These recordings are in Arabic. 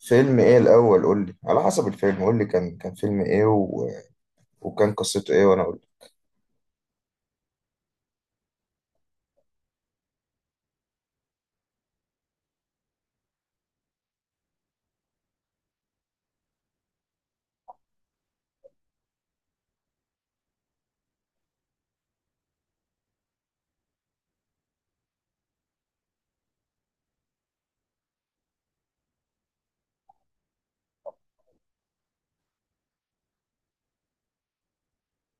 فيلم ايه الاول؟ قول لي على حسب الفيلم، قول لي كان فيلم ايه وكان قصته ايه وانا اقول لك.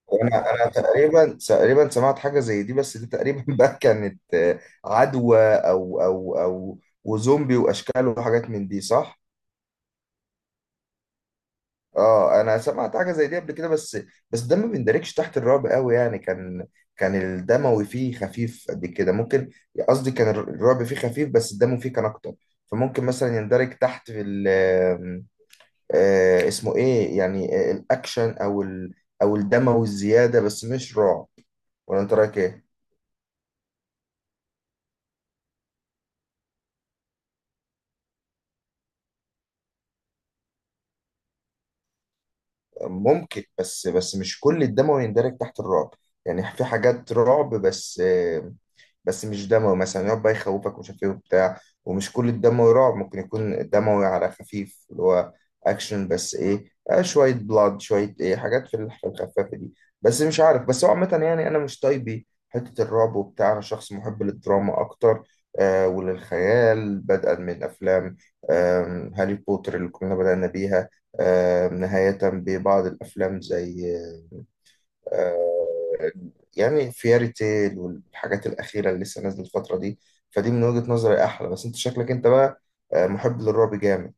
وانا تقريبا سمعت حاجه زي دي، بس دي تقريبا بقى كانت عدوى او وزومبي واشكال وحاجات من دي، صح. اه، انا سمعت حاجه زي دي قبل كده، بس ده ما بيندرجش تحت الرعب قوي، يعني كان الدموي فيه خفيف قد كده، ممكن قصدي كان الرعب فيه خفيف بس الدم فيه كان اكتر. فممكن مثلا يندرج تحت في اسمه ايه، يعني الاكشن او الدموي الزياده، بس مش رعب. ولا انت رايك ايه؟ ممكن، بس مش كل الدموي يندرج تحت الرعب. يعني في حاجات رعب بس مش دموي، مثلا يقعد بقى يخوفك ومش عارف ايه وبتاع، ومش كل الدموي رعب، ممكن يكون دموي على خفيف اللي هو اكشن بس ايه، شويه بلاد شويه ايه حاجات في الخفافه دي. بس مش عارف، بس هو عامه يعني انا مش طيبي حته الرعب وبتاع، انا شخص محب للدراما اكتر، وللخيال، بدءا من افلام هاري بوتر اللي كنا بدأنا بيها، نهاية ببعض الأفلام زي آه يعني فياري تيل والحاجات الأخيرة اللي لسه نازلة الفترة دي. فدي من وجهة نظري أحلى، بس أنت شكلك أنت بقى محب للرعب جامد.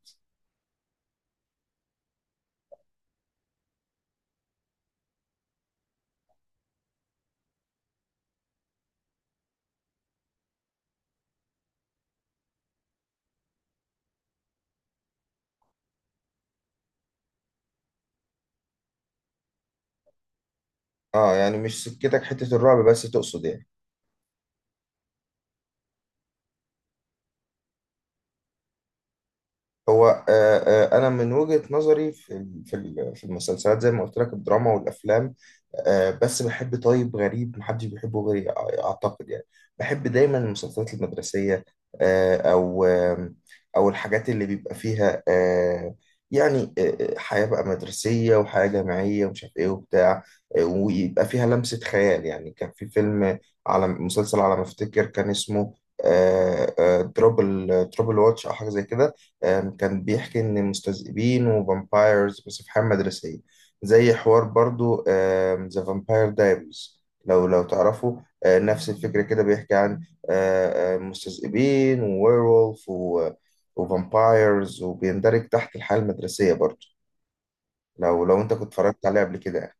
أه، يعني مش سكتك حتة الرعب بس، تقصد يعني. هو آه، آه، انا من وجهة نظري في المسلسلات زي ما قلت لك الدراما والافلام، بس بحب طيب غريب محدش بيحبه غيري، اعتقد يعني. بحب دايما المسلسلات المدرسية، آه، او آم، او الحاجات اللي بيبقى فيها يعني حياة بقى مدرسية وحياة جامعية ومش عارف ايه وبتاع، ويبقى فيها لمسة خيال. يعني كان في فيلم على مسلسل، على ما افتكر كان اسمه دروبل تروبل واتش او حاجة زي كده. كان بيحكي إن مستذئبين وفامبايرز بس في حياة مدرسية، زي حوار برضو ذا فامباير دايريز لو تعرفوا. نفس الفكرة كده، بيحكي عن مستذئبين وويرولف وفامبايرز، وبيندرج تحت الحياة المدرسية برضو. لو أنت كنت اتفرجت عليه قبل كده يعني.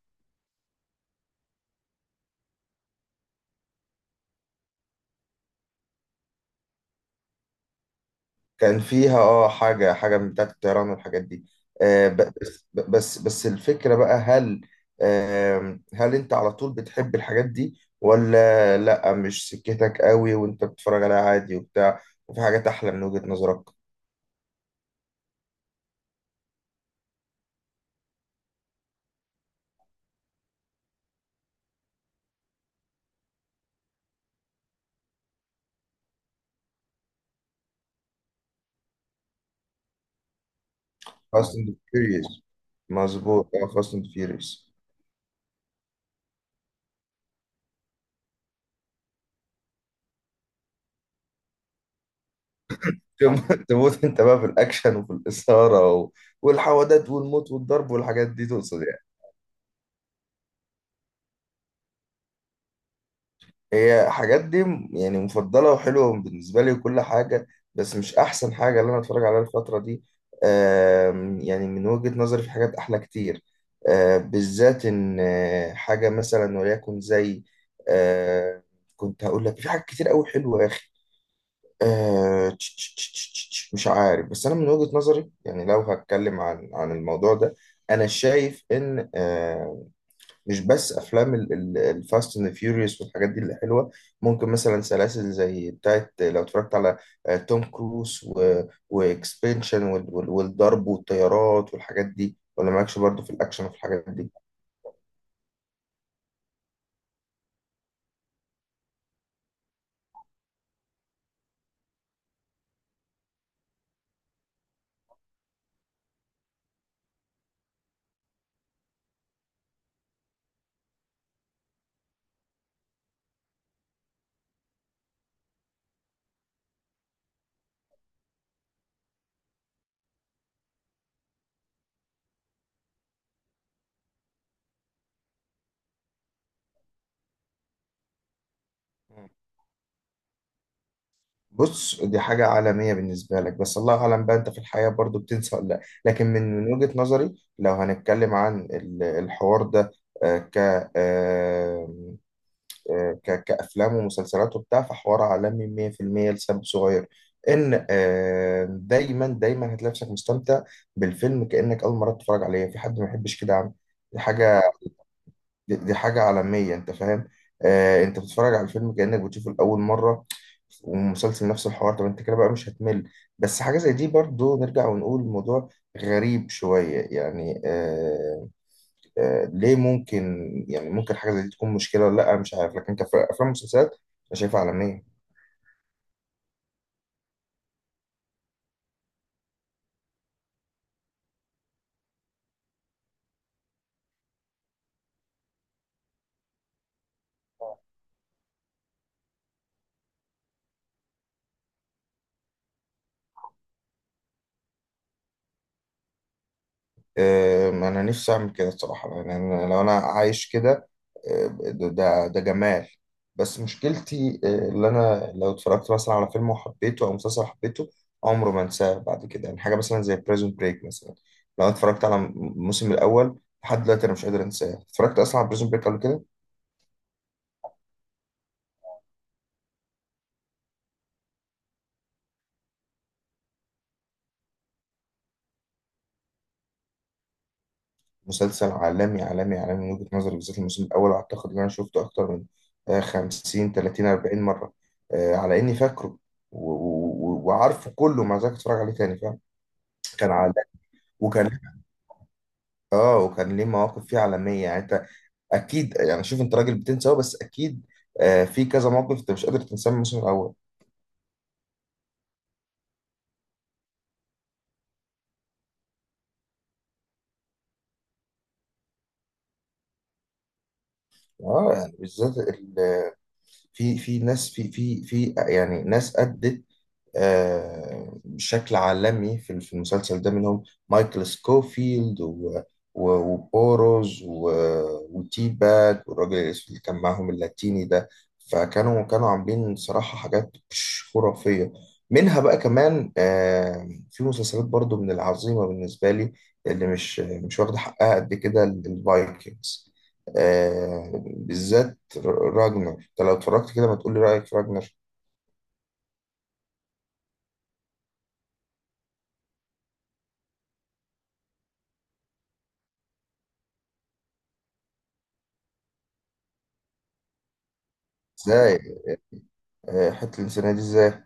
كان فيها اه حاجة من بتاعة الطيران والحاجات دي. آه، ب- بس الفكرة بقى، هل انت على طول بتحب الحاجات دي ولا لا مش سكتك قوي وانت بتتفرج عليها عادي وبتاع؟ وفي حاجات احلى من وجهة نظرك؟ فاست اند فيوريوس. مظبوط، اه، فاست اند فيوريوس. تموت انت بقى في الاكشن وفي الاثارة و- والحوادث والموت والضرب والحاجات دي، تقصد يعني. هي حاجات دي يعني مفضلة وحلوة بالنسبة لي وكل حاجة، بس مش أحسن حاجة اللي أنا أتفرج عليها الفترة دي. يعني من وجهة نظري في حاجات أحلى كتير، بالذات إن حاجة مثلا وليكن زي آه، كنت هقول لك في حاجات كتير أوي حلوة يا أخي. آه، تش- تش- تش- تش- تش- تش، مش عارف، بس أنا من وجهة نظري، يعني لو هتكلم عن الموضوع ده، أنا شايف إن مش بس افلام الفاست اند فيوريوس والحاجات دي اللي حلوه، ممكن مثلا سلاسل زي بتاعت لو اتفرجت على توم كروز واكسبنشن والضرب والطيارات والحاجات دي. ولا مالكش برضو في الاكشن وفي الحاجات دي؟ بص، دي حاجة عالمية بالنسبة لك، بس الله أعلم بقى أنت في الحياة برضو بتنسى ولا لأ. لكن من وجهة نظري، لو هنتكلم عن الحوار ده آه، ك آه، آه، ك- كأفلام ومسلسلات وبتاع، فحوار عالمي 100% لسبب صغير، إن دايما دايما هتلاقي نفسك مستمتع بالفيلم كأنك أول مرة تتفرج عليه. في حد ما يحبش كده يا عم؟ دي حاجة دي حاجة عالمية، أنت فاهم. أنت بتتفرج على الفيلم كأنك بتشوفه لأول مرة، ومسلسل نفس الحوار. طب أنت كده بقى مش هتمل؟ بس حاجة زي دي، برضو نرجع ونقول الموضوع غريب شوية يعني، ليه؟ ممكن يعني، ممكن حاجة زي دي تكون مشكلة ولا لأ، مش عارف. لكن كأفلام ومسلسلات أنا شايفها عالمية. أنا نفسي أعمل كده الصراحة، يعني لو أنا عايش كده، ده جمال. بس مشكلتي اللي أنا لو اتفرجت مثلا على فيلم وحبيته أو مسلسل حبيته، عمره ما أنساه بعد كده. يعني حاجة مثلا زي بريزون بريك مثلا، لو أنا اتفرجت على الموسم الأول لحد دلوقتي أنا مش قادر أنساه. اتفرجت أصلا على بريزون بريك قبل كده؟ مسلسل عالمي عالمي عالمي من وجهة نظري، بالذات الموسم الأول. أعتقد إن أنا شفته أكتر من 50 30 40 مرة، على إني فاكره و- و- و- وعارفه كله، مع ذلك أتفرج عليه تاني، فاهم؟ كان عالمي. وكان وكان ليه مواقف فيه عالمية يعني. أنت أكيد يعني، شوف أنت راجل بتنسى أهو، بس أكيد في كذا موقف أنت مش قادر تنساه من الموسم الأول. آه، يعني بالذات في ناس في في في يعني ناس أدت بشكل عالمي في في المسلسل ده، منهم مايكل سكوفيلد و- و- وبوروز و- وتي باك والراجل الأسود اللي كان معاهم اللاتيني ده. فكانوا عاملين صراحة حاجات مش خرافية. منها بقى كمان في مسلسلات برضو من العظيمة بالنسبة لي اللي مش واخدة حقها قد كده، الفايكنجز، بالذات راجنر. انت لو اتفرجت كده، ما تقولي رأيك في راجنر. ازاي؟ حتة الإنسانية دي إزاي؟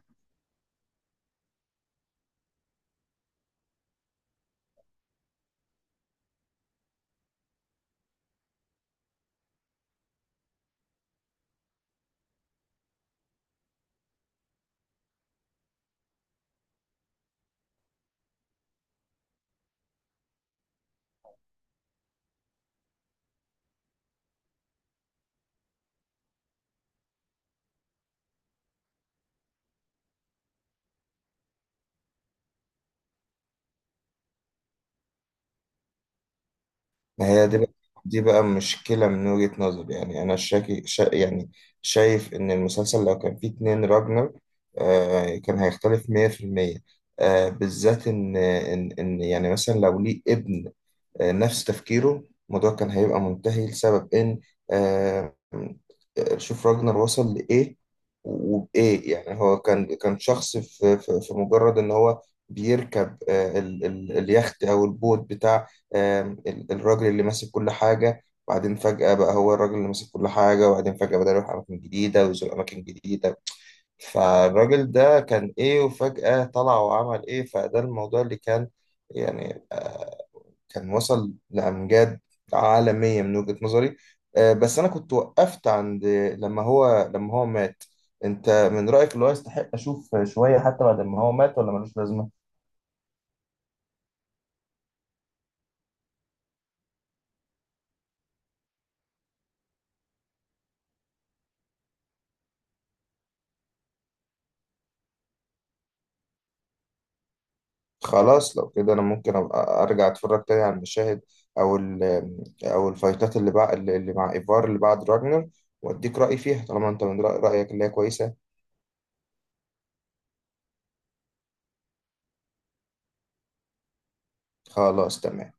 ما هي دي بقى مشكلة من وجهة نظري. يعني أنا شاكي شا يعني شايف إن المسلسل لو كان فيه اتنين راجنر كان هيختلف 100%. بالذات إن يعني مثلا لو ليه ابن نفس تفكيره، الموضوع كان هيبقى منتهي لسبب إن آه، شوف راجنر وصل لإيه وبإيه. يعني هو كان شخص في مجرد إن هو بيركب آه، ال ال اليخت أو البوت بتاع آه، الراجل اللي ماسك كل حاجة، وبعدين فجأة بقى هو الراجل اللي ماسك كل حاجة، وبعدين فجأة بدأ يروح أماكن جديدة ويزور أماكن جديدة. فالراجل ده كان إيه وفجأة طلع وعمل إيه؟ فده الموضوع اللي كان يعني كان وصل لأمجاد عالمية من وجهة نظري. بس أنا كنت وقفت عند لما هو مات. أنت من رأيك اللي هو يستحق أشوف شوية حتى بعد ما هو مات، ولا ملوش لازمة؟ خلاص، لو كده أنا ممكن أبقى أرجع أتفرج تاني على المشاهد، أو ال أو الفايتات اللي بقى اللي مع إيفار اللي بعد راجنر، وأديك رأيي فيها طالما أنت من رأيك اللي هي كويسة. خلاص تمام.